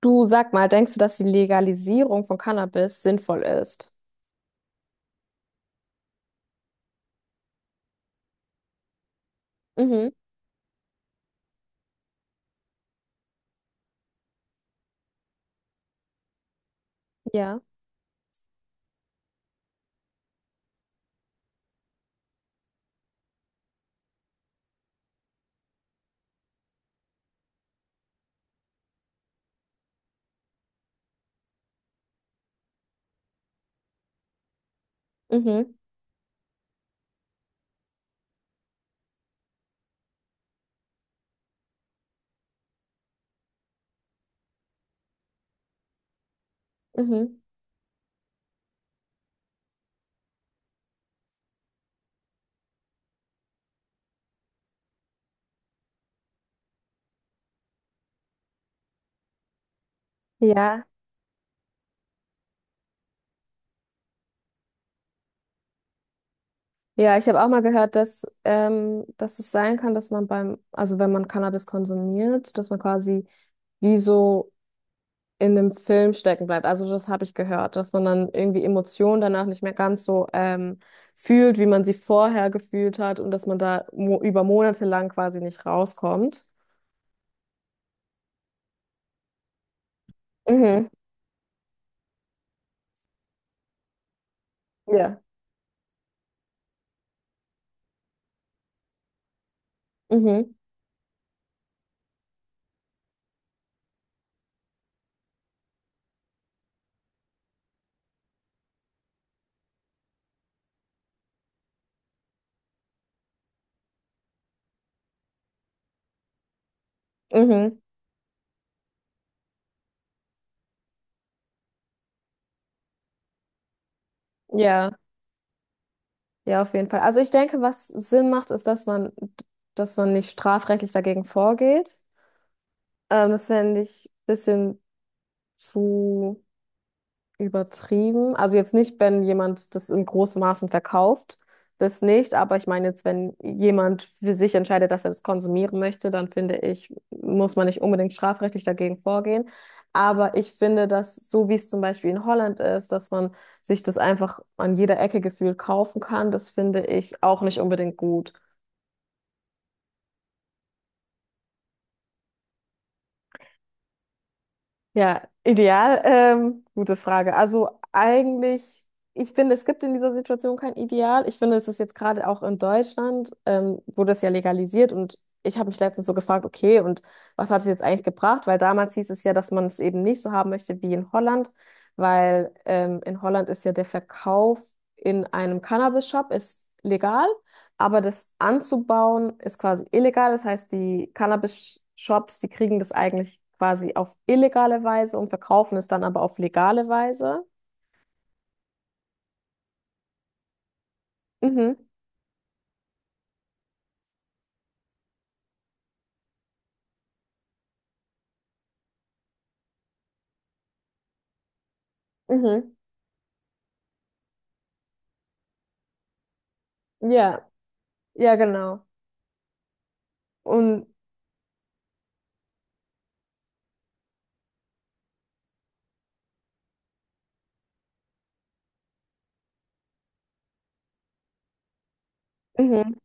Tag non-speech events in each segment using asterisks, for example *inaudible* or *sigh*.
Du, sag mal, denkst du, dass die Legalisierung von Cannabis sinnvoll ist? Mhm, ja. Mhm, mhm. Ja. Ja, ich habe auch mal gehört, dass, dass es sein kann, dass man beim, also wenn man Cannabis konsumiert, dass man quasi wie so in einem Film stecken bleibt. Also das habe ich gehört, dass man dann irgendwie Emotionen danach nicht mehr ganz so fühlt, wie man sie vorher gefühlt hat und dass man da mo über Monate lang quasi nicht rauskommt. Mhm. Ja. Mhm. Mhm. Ja. Ja, auf jeden Fall. Also ich denke, was Sinn macht, ist, dass man nicht strafrechtlich dagegen vorgeht. Das fände ich ein bisschen zu übertrieben. Also jetzt nicht, wenn jemand das in großem Maßen verkauft, das nicht. Aber ich meine jetzt, wenn jemand für sich entscheidet, dass er das konsumieren möchte, dann finde ich, muss man nicht unbedingt strafrechtlich dagegen vorgehen. Aber ich finde, dass so wie es zum Beispiel in Holland ist, dass man sich das einfach an jeder Ecke gefühlt kaufen kann, das finde ich auch nicht unbedingt gut. Ja, ideal. Gute Frage. Also eigentlich, ich finde, es gibt in dieser Situation kein Ideal. Ich finde, es ist jetzt gerade auch in Deutschland, wurde es ja legalisiert und ich habe mich letztens so gefragt, okay, und was hat es jetzt eigentlich gebracht? Weil damals hieß es ja, dass man es eben nicht so haben möchte wie in Holland, weil in Holland ist ja der Verkauf in einem Cannabis-Shop ist legal. Aber das anzubauen ist quasi illegal. Das heißt, die Cannabis-Shops, die kriegen das eigentlich quasi auf illegale Weise und verkaufen es dann aber auf legale Weise. Mhm, mhm. Ja, ja, genau. Und mhm.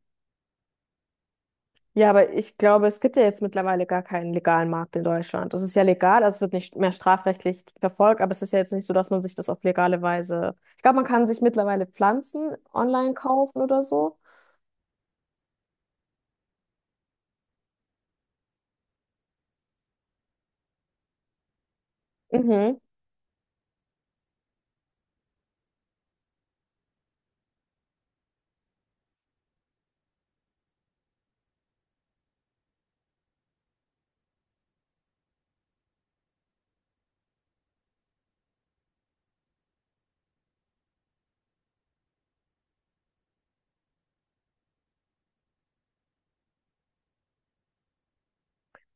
Ja, aber ich glaube, es gibt ja jetzt mittlerweile gar keinen legalen Markt in Deutschland. Das ist ja legal, also es wird nicht mehr strafrechtlich verfolgt, aber es ist ja jetzt nicht so, dass man sich das auf legale Weise. Ich glaube, man kann sich mittlerweile Pflanzen online kaufen oder so. Mhm.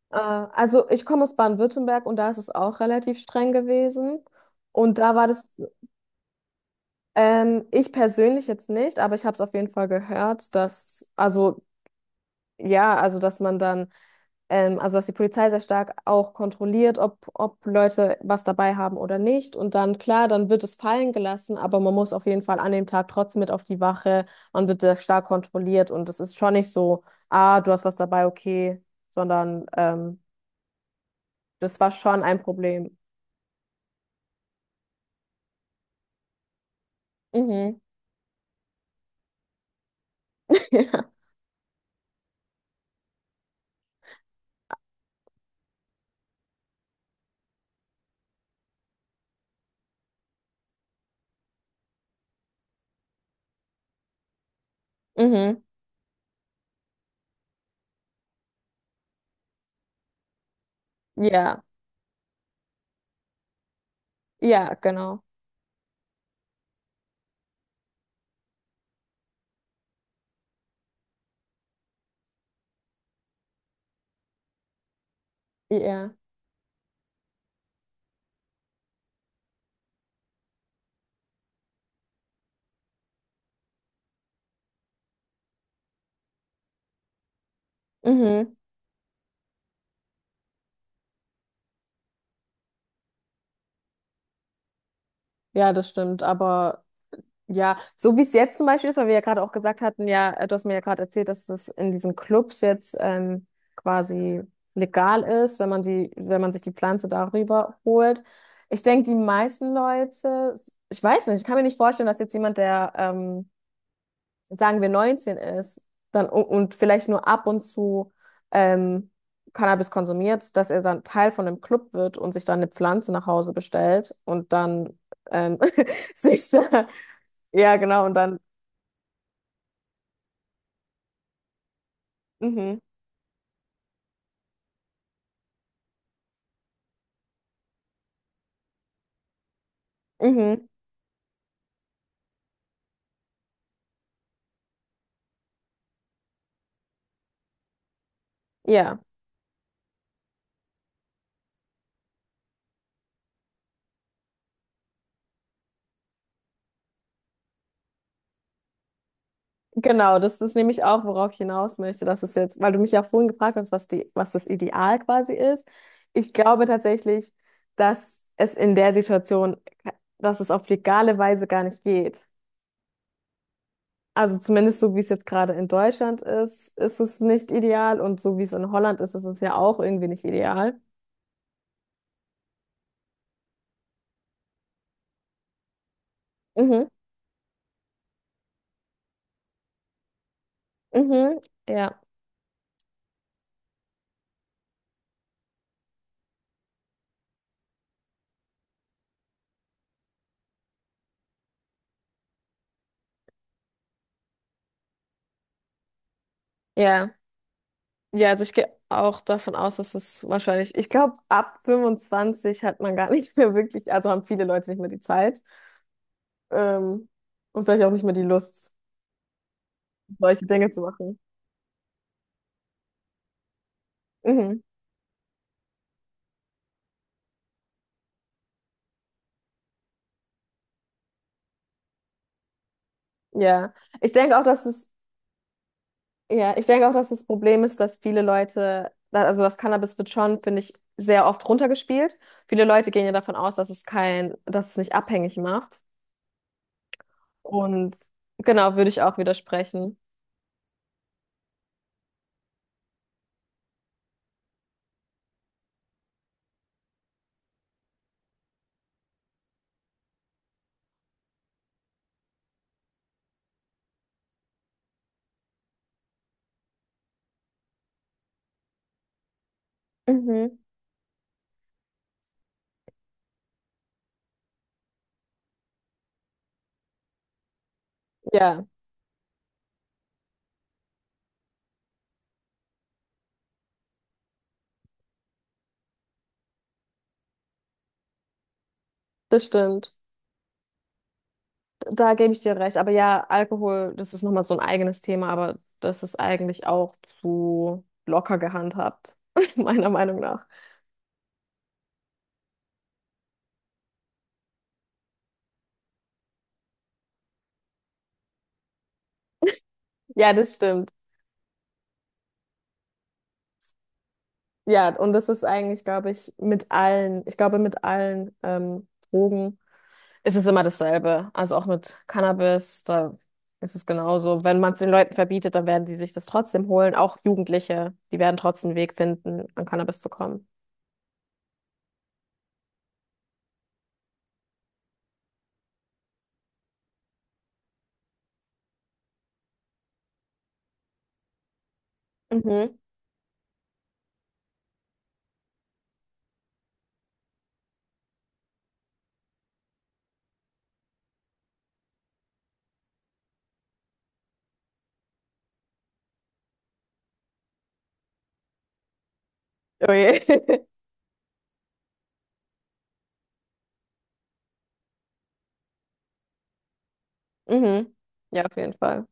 Also ich komme aus Baden-Württemberg und da ist es auch relativ streng gewesen. Und da war das, ich persönlich jetzt nicht, aber ich habe es auf jeden Fall gehört, dass, also ja, also dass man dann, also dass die Polizei sehr stark auch kontrolliert, ob Leute was dabei haben oder nicht. Und dann, klar, dann wird es fallen gelassen, aber man muss auf jeden Fall an dem Tag trotzdem mit auf die Wache. Man wird sehr stark kontrolliert und es ist schon nicht so, ah, du hast was dabei, okay, sondern das war schon ein Problem. Mhm. *laughs* Ja. Mhm. Ja. Ja, genau. Ja. Mhm. Ja, das stimmt. Aber ja, so wie es jetzt zum Beispiel ist, weil wir ja gerade auch gesagt hatten, ja, du hast mir ja gerade erzählt, dass das in diesen Clubs jetzt quasi legal ist, wenn man die, wenn man sich die Pflanze darüber holt. Ich denke, die meisten Leute, ich weiß nicht, ich kann mir nicht vorstellen, dass jetzt jemand, der sagen wir 19 ist, dann und vielleicht nur ab und zu ähm, Cannabis konsumiert, dass er dann Teil von einem Club wird und sich dann eine Pflanze nach Hause bestellt und dann ähm, *laughs* sich da, ja genau, und dann, mhm, mhm, ja, genau, das ist nämlich auch, worauf ich hinaus möchte, dass es jetzt, weil du mich ja vorhin gefragt hast, was das Ideal quasi ist. Ich glaube tatsächlich, dass es in der Situation, dass es auf legale Weise gar nicht geht. Also zumindest so, wie es jetzt gerade in Deutschland ist, ist es nicht ideal. Und so wie es in Holland ist, ist es ja auch irgendwie nicht ideal. Mhm, mhm, ja, ja. Ja, also ich gehe auch davon aus, dass es wahrscheinlich, ich glaube, ab 25 hat man gar *laughs* nicht mehr wirklich, also haben viele Leute nicht mehr die Zeit, ähm, und vielleicht auch nicht mehr die Lust, solche Dinge zu machen. Mhm, ja. Ich denke auch, dass es Ja, ich denke auch, dass das Problem ist, dass viele Leute, also das Cannabis wird schon, finde ich, sehr oft runtergespielt. Viele Leute gehen ja davon aus, dass es nicht abhängig macht. Und genau, würde ich auch widersprechen. Mhm. Ja, das stimmt. Da gebe ich dir recht. Aber ja, Alkohol, das ist nochmal so ein eigenes Thema, aber das ist eigentlich auch zu locker gehandhabt, *laughs* meiner Meinung nach. Ja, das stimmt. Ja, und das ist eigentlich, glaube ich, ich glaube, mit allen Drogen. Es ist immer dasselbe. Also auch mit Cannabis, da ist es genauso. Wenn man es den Leuten verbietet, dann werden sie sich das trotzdem holen. Auch Jugendliche, die werden trotzdem einen Weg finden, an Cannabis zu kommen. Mhm. Okay. *laughs* Mhm. Ja, auf jeden Fall.